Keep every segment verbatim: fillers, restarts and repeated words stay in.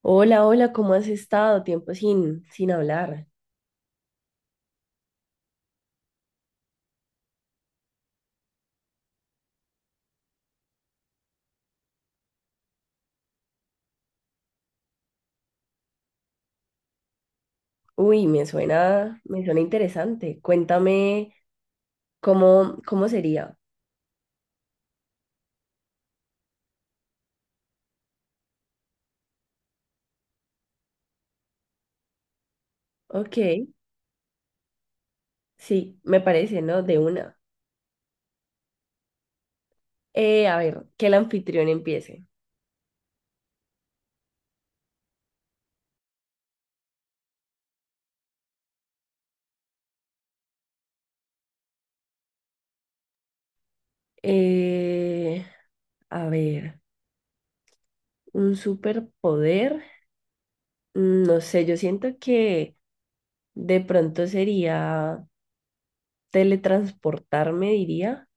Hola, hola, ¿cómo has estado? Tiempo sin, sin hablar. Uy, me suena, me suena interesante. Cuéntame cómo, cómo sería. Ok, sí, me parece, ¿no? De una. Eh, a ver, que el anfitrión empiece. Eh, a ver, un superpoder. Mm, No sé, yo siento que de pronto sería teletransportarme, diría,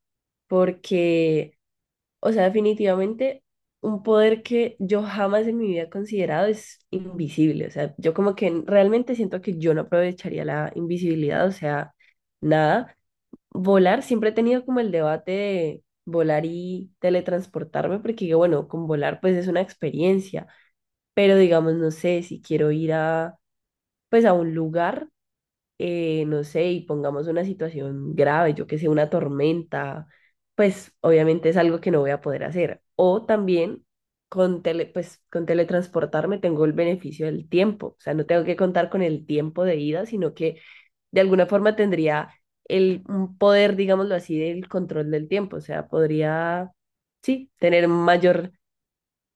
porque o sea, definitivamente un poder que yo jamás en mi vida he considerado es invisible. O sea, yo como que realmente siento que yo no aprovecharía la invisibilidad, o sea, nada. Volar, siempre he tenido como el debate de volar y teletransportarme, porque digo, bueno, con volar pues es una experiencia, pero digamos, no sé, si quiero ir a pues a un lugar, eh, no sé, y pongamos una situación grave, yo que sé, una tormenta, pues obviamente es algo que no voy a poder hacer. O también con tele, pues con teletransportarme tengo el beneficio del tiempo, o sea, no tengo que contar con el tiempo de ida, sino que de alguna forma tendría el un poder, digámoslo así, del control del tiempo, o sea, podría, sí, tener mayor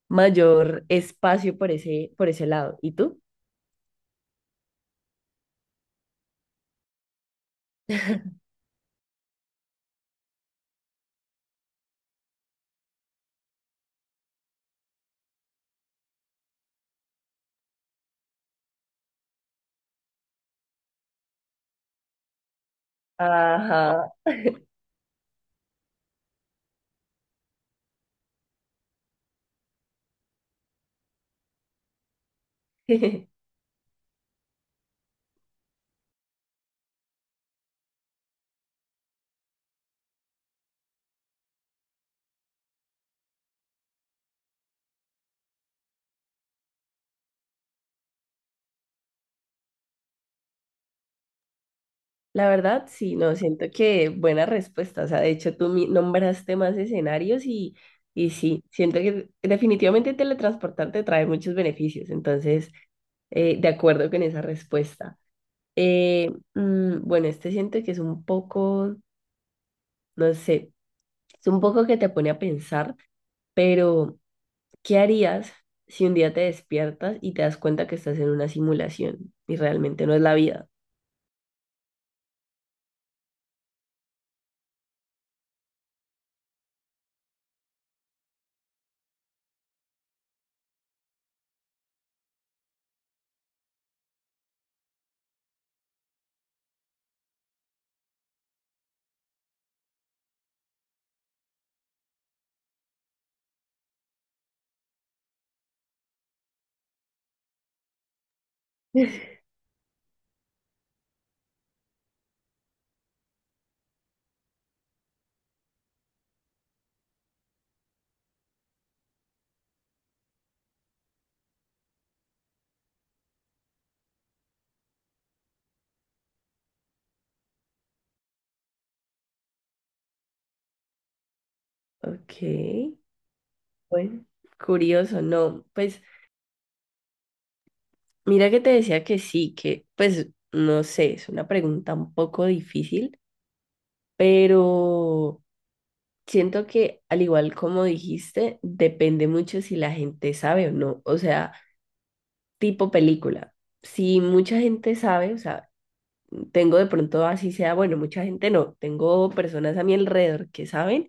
mayor espacio por ese por ese lado. ¿Y tú? Ajá. La verdad, sí, no, siento que buena respuesta. O sea, de hecho, tú mi- nombraste más escenarios y, y sí, siento que definitivamente teletransportarte trae muchos beneficios. Entonces, eh, de acuerdo con esa respuesta. Eh, mm, bueno, este siento que es un poco, no sé, es un poco que te pone a pensar, pero ¿qué harías si un día te despiertas y te das cuenta que estás en una simulación y realmente no es la vida? Ok, bueno, curioso, no, pues. Mira que te decía que sí, que pues no sé, es una pregunta un poco difícil, pero siento que al igual como dijiste, depende mucho si la gente sabe o no, o sea, tipo película. Si mucha gente sabe, o sea, tengo de pronto así sea, bueno, mucha gente no, tengo personas a mi alrededor que saben,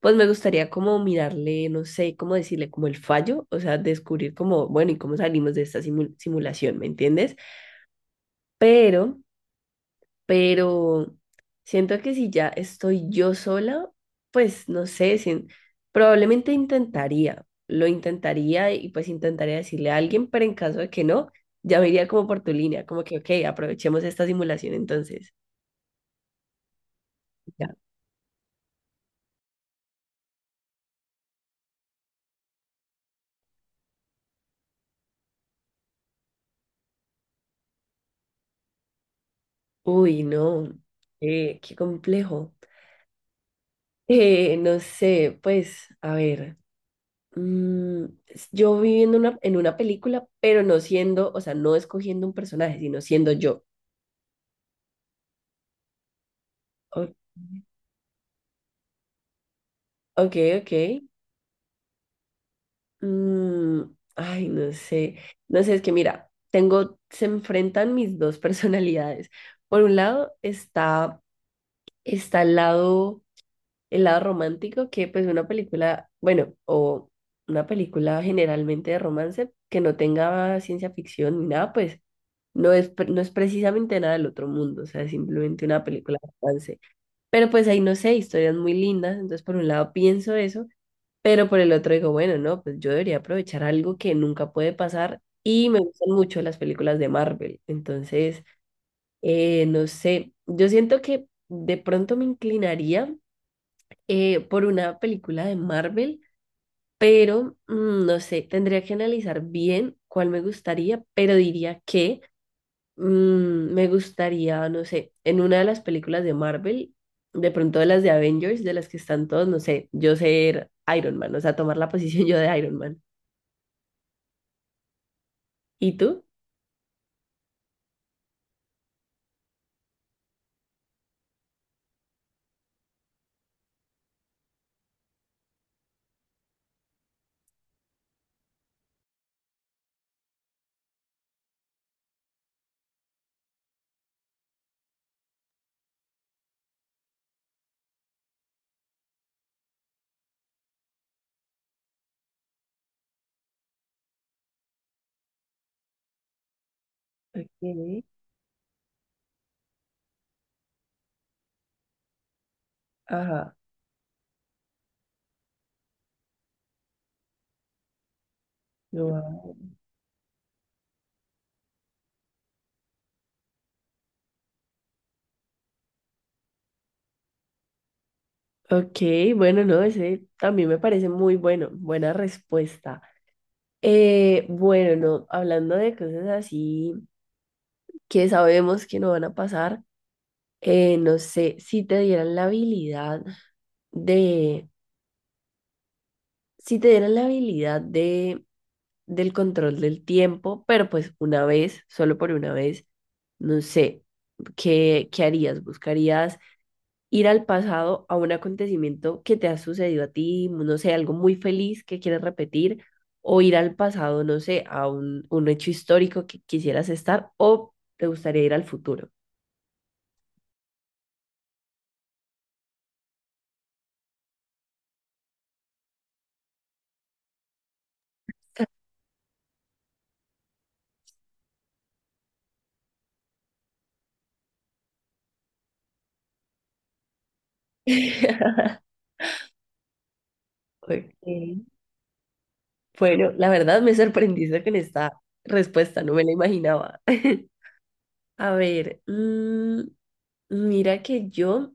pues me gustaría como mirarle, no sé, cómo decirle como el fallo, o sea, descubrir como, bueno, y cómo salimos de esta simu- simulación, ¿me entiendes? Pero pero siento que si ya estoy yo sola, pues no sé, sin- probablemente intentaría, lo intentaría y pues intentaría decirle a alguien, pero en caso de que no, ya me iría como por tu línea, como que, ok, aprovechemos esta simulación entonces. Ya. Uy, no, eh, qué complejo. Eh, no sé, pues, a ver. mm, s- yo viviendo una, en una película, pero no siendo, o sea, no escogiendo un personaje, sino siendo yo. O- Ok, ok. Mm, ay, no sé. No sé, es que mira, tengo, se enfrentan mis dos personalidades. Por un lado está, está el lado, el lado romántico, que pues una película, bueno, o una película generalmente de romance que no tenga ciencia ficción ni nada, pues no es, pre- no es precisamente nada del otro mundo, o sea, es simplemente una película de romance. Pero pues ahí no sé, historias muy lindas. Entonces, por un lado pienso eso. Pero por el otro digo, bueno, no, pues yo debería aprovechar algo que nunca puede pasar y me gustan mucho las películas de Marvel. Entonces, eh, no sé, yo siento que de pronto me inclinaría, eh, por una película de Marvel, pero mm, no sé, tendría que analizar bien cuál me gustaría, pero diría que, mm, me gustaría, no sé, en una de las películas de Marvel. De pronto de las de Avengers, de las que están todos, no sé, yo ser Iron Man, o sea, tomar la posición yo de Iron Man. ¿Y tú? Ok, ajá. Guau. Ok, bueno, no, ese también me parece muy bueno, buena respuesta. Eh, bueno, no, hablando de cosas así que sabemos que no van a pasar, eh, no sé, si te dieran la habilidad de, si te dieran la habilidad de, del control del tiempo, pero pues una vez, solo por una vez, no sé, ¿qué, qué harías? ¿Buscarías ir al pasado a un acontecimiento que te ha sucedido a ti, no sé, algo muy feliz que quieres repetir, o ir al pasado, no sé, a un, un hecho histórico que quisieras estar, o te gustaría ir al futuro? Ok. Bueno, la verdad me sorprendiste con esta respuesta, no me la imaginaba. A ver, mm, mira que yo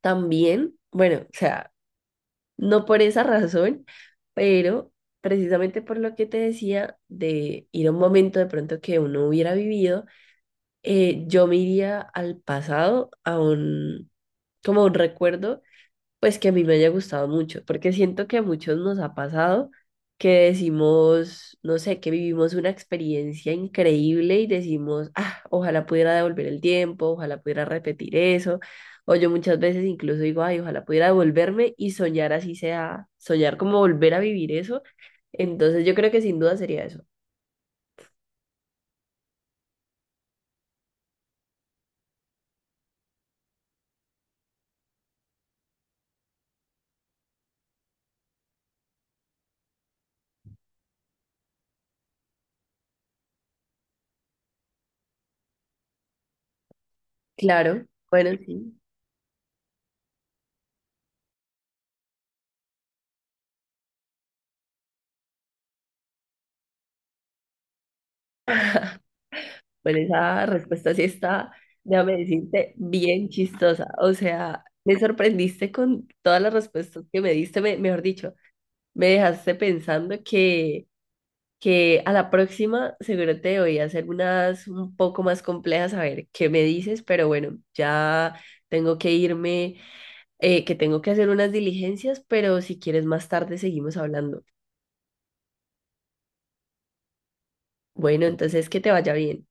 también, bueno, o sea, no por esa razón, pero precisamente por lo que te decía de ir a un momento de pronto que uno hubiera vivido, eh, yo me iría al pasado, a un, como a un recuerdo pues que a mí me haya gustado mucho, porque siento que a muchos nos ha pasado que decimos, no sé, que vivimos una experiencia increíble y decimos, ah, ojalá pudiera devolver el tiempo, ojalá pudiera repetir eso, o yo muchas veces incluso digo, ay, ojalá pudiera devolverme y soñar así sea, soñar como volver a vivir eso, entonces yo creo que sin duda sería eso. Claro, bueno, sí. Bueno, esa respuesta sí está, déjame decirte, bien chistosa. O sea, me sorprendiste con todas las respuestas que me diste, me- mejor dicho, me dejaste pensando que, que a la próxima seguro te voy a hacer unas un poco más complejas, a ver qué me dices, pero bueno, ya tengo que irme, eh, que tengo que hacer unas diligencias, pero si quieres más tarde seguimos hablando. Bueno, entonces que te vaya bien.